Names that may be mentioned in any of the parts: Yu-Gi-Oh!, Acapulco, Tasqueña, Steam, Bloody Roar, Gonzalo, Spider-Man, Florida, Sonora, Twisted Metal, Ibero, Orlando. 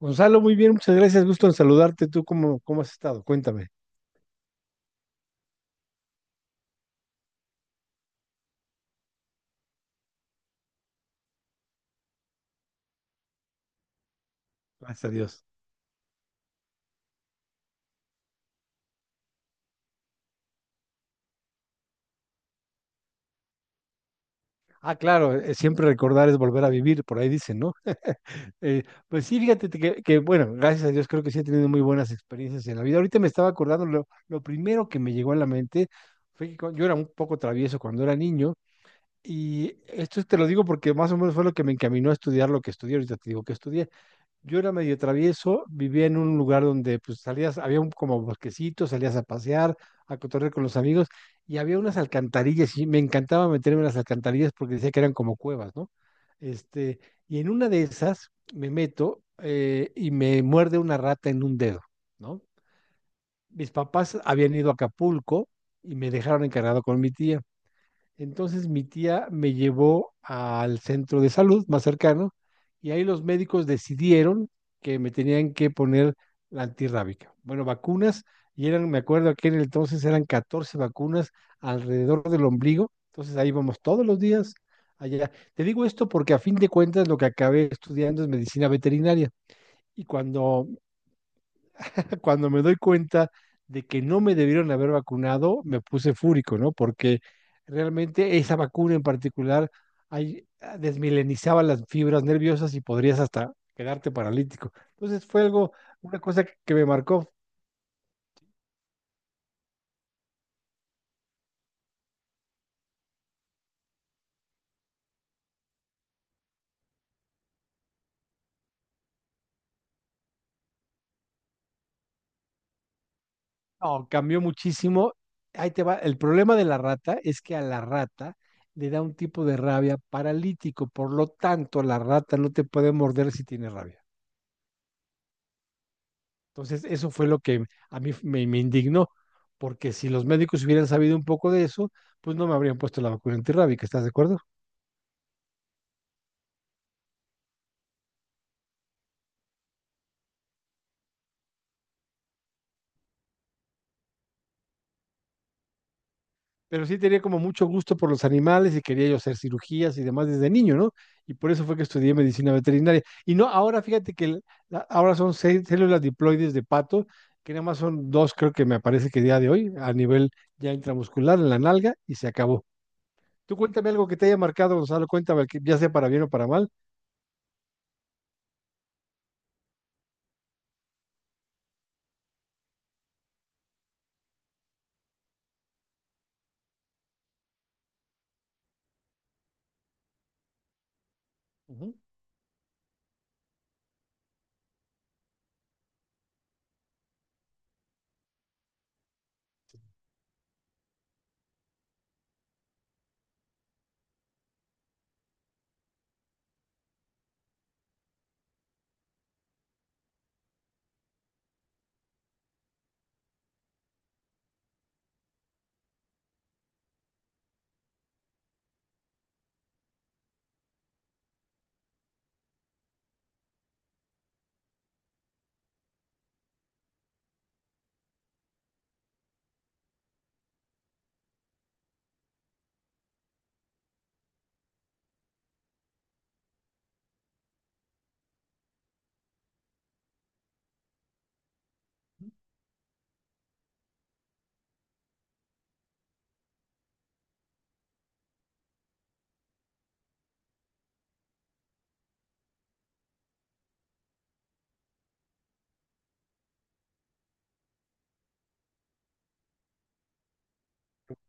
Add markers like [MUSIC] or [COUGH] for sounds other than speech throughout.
Gonzalo, muy bien, muchas gracias, gusto en saludarte. ¿Tú cómo has estado? Cuéntame. Gracias a Dios. Ah, claro, siempre recordar es volver a vivir, por ahí dicen, ¿no? Eh, pues sí, fíjate bueno, gracias a Dios creo que sí he tenido muy buenas experiencias en la vida. Ahorita me estaba acordando, lo primero que me llegó a la mente fue que yo era un poco travieso cuando era niño, y esto te lo digo porque más o menos fue lo que me encaminó a estudiar lo que estudié. Ahorita te digo que estudié. Yo era medio travieso, vivía en un lugar donde pues salías, había un como bosquecito, salías a pasear, a cotorrear con los amigos, y había unas alcantarillas y me encantaba meterme en las alcantarillas porque decía que eran como cuevas, ¿no? Este, y en una de esas me meto y me muerde una rata en un dedo, ¿no? Mis papás habían ido a Acapulco y me dejaron encargado con mi tía. Entonces mi tía me llevó al centro de salud más cercano y ahí los médicos decidieron que me tenían que poner la antirrábica. Bueno, vacunas, y eran, me acuerdo que en el entonces eran 14 vacunas alrededor del ombligo, entonces ahí vamos todos los días allá. Te digo esto porque a fin de cuentas lo que acabé estudiando es medicina veterinaria, y cuando me doy cuenta de que no me debieron haber vacunado, me puse fúrico, ¿no? Porque realmente esa vacuna en particular desmilenizaba las fibras nerviosas y podrías hasta quedarte paralítico. Entonces fue algo, una cosa que me marcó. No, cambió muchísimo. Ahí te va. El problema de la rata es que a la rata le da un tipo de rabia paralítico, por lo tanto, la rata no te puede morder si tiene rabia. Entonces, eso fue lo que a mí me indignó, porque si los médicos hubieran sabido un poco de eso, pues no me habrían puesto la vacuna antirrábica, ¿estás de acuerdo? Pero sí tenía como mucho gusto por los animales y quería yo hacer cirugías y demás desde niño, ¿no? Y por eso fue que estudié medicina veterinaria. Y no, ahora fíjate que ahora son seis células diploides de pato, que nada más son dos, creo que me parece que día de hoy, a nivel ya intramuscular, en la nalga, y se acabó. Tú cuéntame algo que te haya marcado, Gonzalo, cuéntame, que ya sea para bien o para mal. Ujú.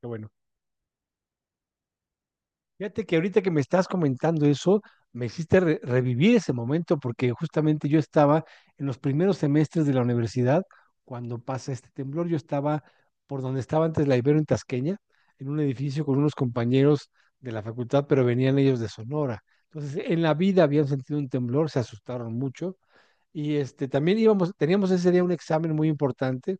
Qué bueno. Fíjate que ahorita que me estás comentando eso, me hiciste revivir ese momento porque justamente yo estaba en los primeros semestres de la universidad cuando pasa este temblor. Yo estaba por donde estaba antes la Ibero en Tasqueña, en un edificio con unos compañeros de la facultad, pero venían ellos de Sonora. Entonces, en la vida habían sentido un temblor, se asustaron mucho, y este también íbamos, teníamos ese día un examen muy importante,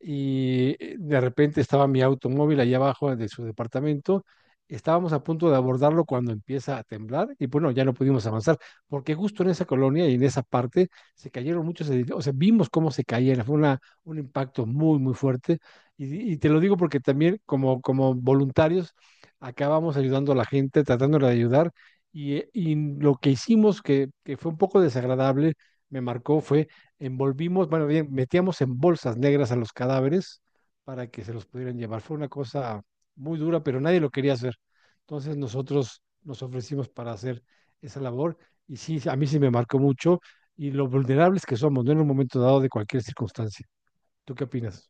y de repente estaba mi automóvil allá abajo de su departamento. Estábamos a punto de abordarlo cuando empieza a temblar y bueno, ya no pudimos avanzar porque justo en esa colonia y en esa parte se cayeron muchos edificios, o sea, vimos cómo se caían, fue una, un impacto muy fuerte, y te lo digo porque también como voluntarios acabamos ayudando a la gente, tratándola de ayudar, y y lo que hicimos que fue un poco desagradable, me marcó fue envolvimos, bueno, bien, metíamos en bolsas negras a los cadáveres para que se los pudieran llevar. Fue una cosa muy dura, pero nadie lo quería hacer. Entonces nosotros nos ofrecimos para hacer esa labor y sí, a mí sí me marcó mucho, y lo vulnerables que somos, no en un momento dado de cualquier circunstancia. ¿Tú qué opinas?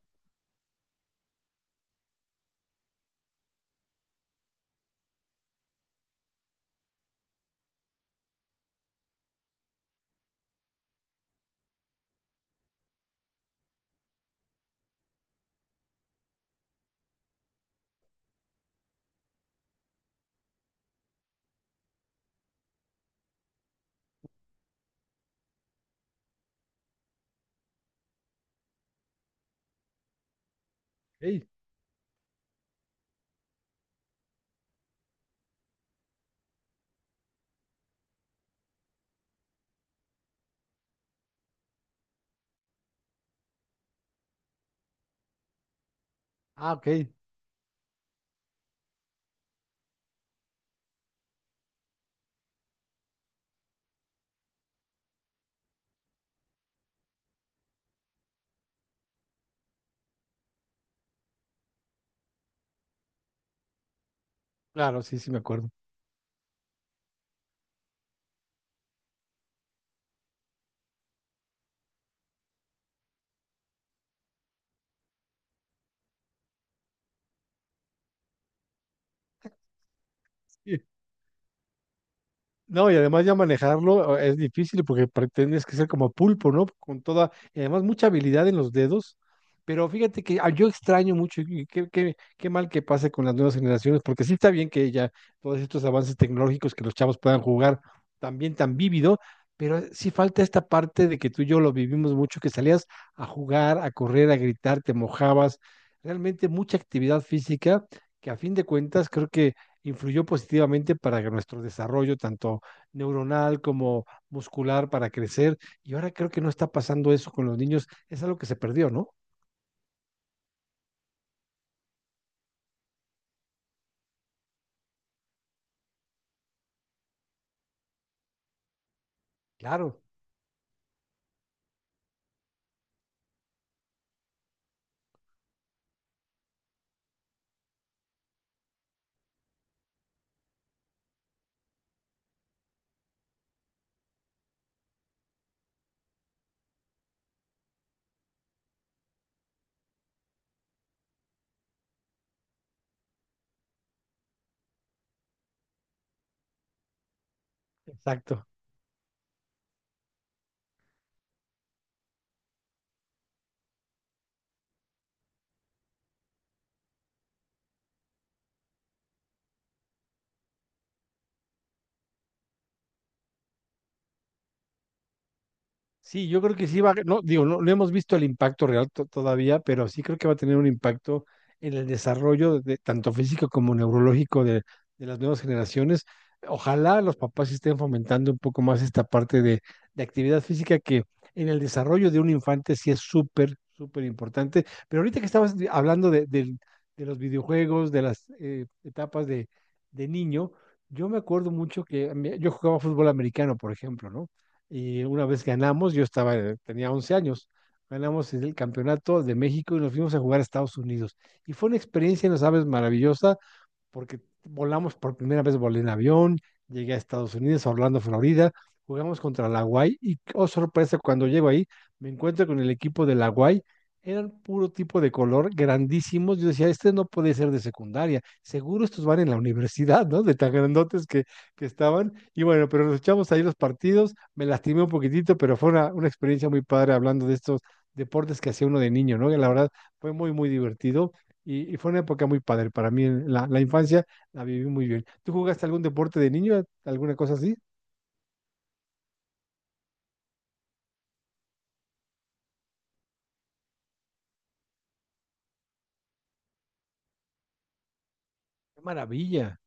Ey. Ah, ok. Claro, sí, sí me acuerdo. [LAUGHS] No, y además ya manejarlo es difícil porque pretendes que ser como pulpo, ¿no? Con toda, y además mucha habilidad en los dedos, pero fíjate que ah, yo extraño mucho y qué mal que pase con las nuevas generaciones, porque sí está bien que ya todos estos avances tecnológicos que los chavos puedan jugar también tan vívido, pero sí falta esta parte de que tú y yo lo vivimos mucho, que salías a jugar, a correr, a gritar, te mojabas, realmente mucha actividad física que a fin de cuentas creo que influyó positivamente para nuestro desarrollo, tanto neuronal como muscular para crecer. Y ahora creo que no está pasando eso con los niños. Es algo que se perdió, ¿no? Claro. Exacto. Sí, yo creo que sí va, no, digo, no, no hemos visto el impacto real todavía, pero sí creo que va a tener un impacto en el desarrollo de, tanto físico como neurológico de las nuevas generaciones. Ojalá los papás estén fomentando un poco más esta parte de actividad física que en el desarrollo de un infante sí es súper importante. Pero ahorita que estabas hablando de, de los videojuegos, de las etapas de niño, yo me acuerdo mucho que yo jugaba fútbol americano, por ejemplo, ¿no? Y una vez ganamos, yo estaba, tenía 11 años, ganamos el campeonato de México y nos fuimos a jugar a Estados Unidos. Y fue una experiencia, no sabes, maravillosa, porque volamos por primera vez, volé en avión, llegué a Estados Unidos, a Orlando, Florida, jugamos contra la Guay y, oh sorpresa, cuando llego ahí, me encuentro con el equipo de la Guay, eran puro tipo de color, grandísimos, yo decía, este no puede ser de secundaria, seguro estos van en la universidad, ¿no? De tan grandotes que estaban, y bueno, pero nos echamos ahí los partidos, me lastimé un poquitito, pero fue una experiencia muy padre hablando de estos deportes que hacía uno de niño, ¿no? Que la verdad fue muy divertido y fue una época muy padre para mí. La infancia la viví muy bien. ¿Tú jugaste algún deporte de niño? ¿Alguna cosa así? ¡Qué maravilla!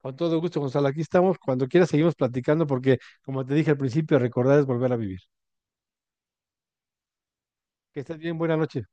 Con todo gusto, Gonzalo. Aquí estamos. Cuando quieras seguimos platicando porque, como te dije al principio, recordar es volver a vivir. Que estés bien. Buenas noches.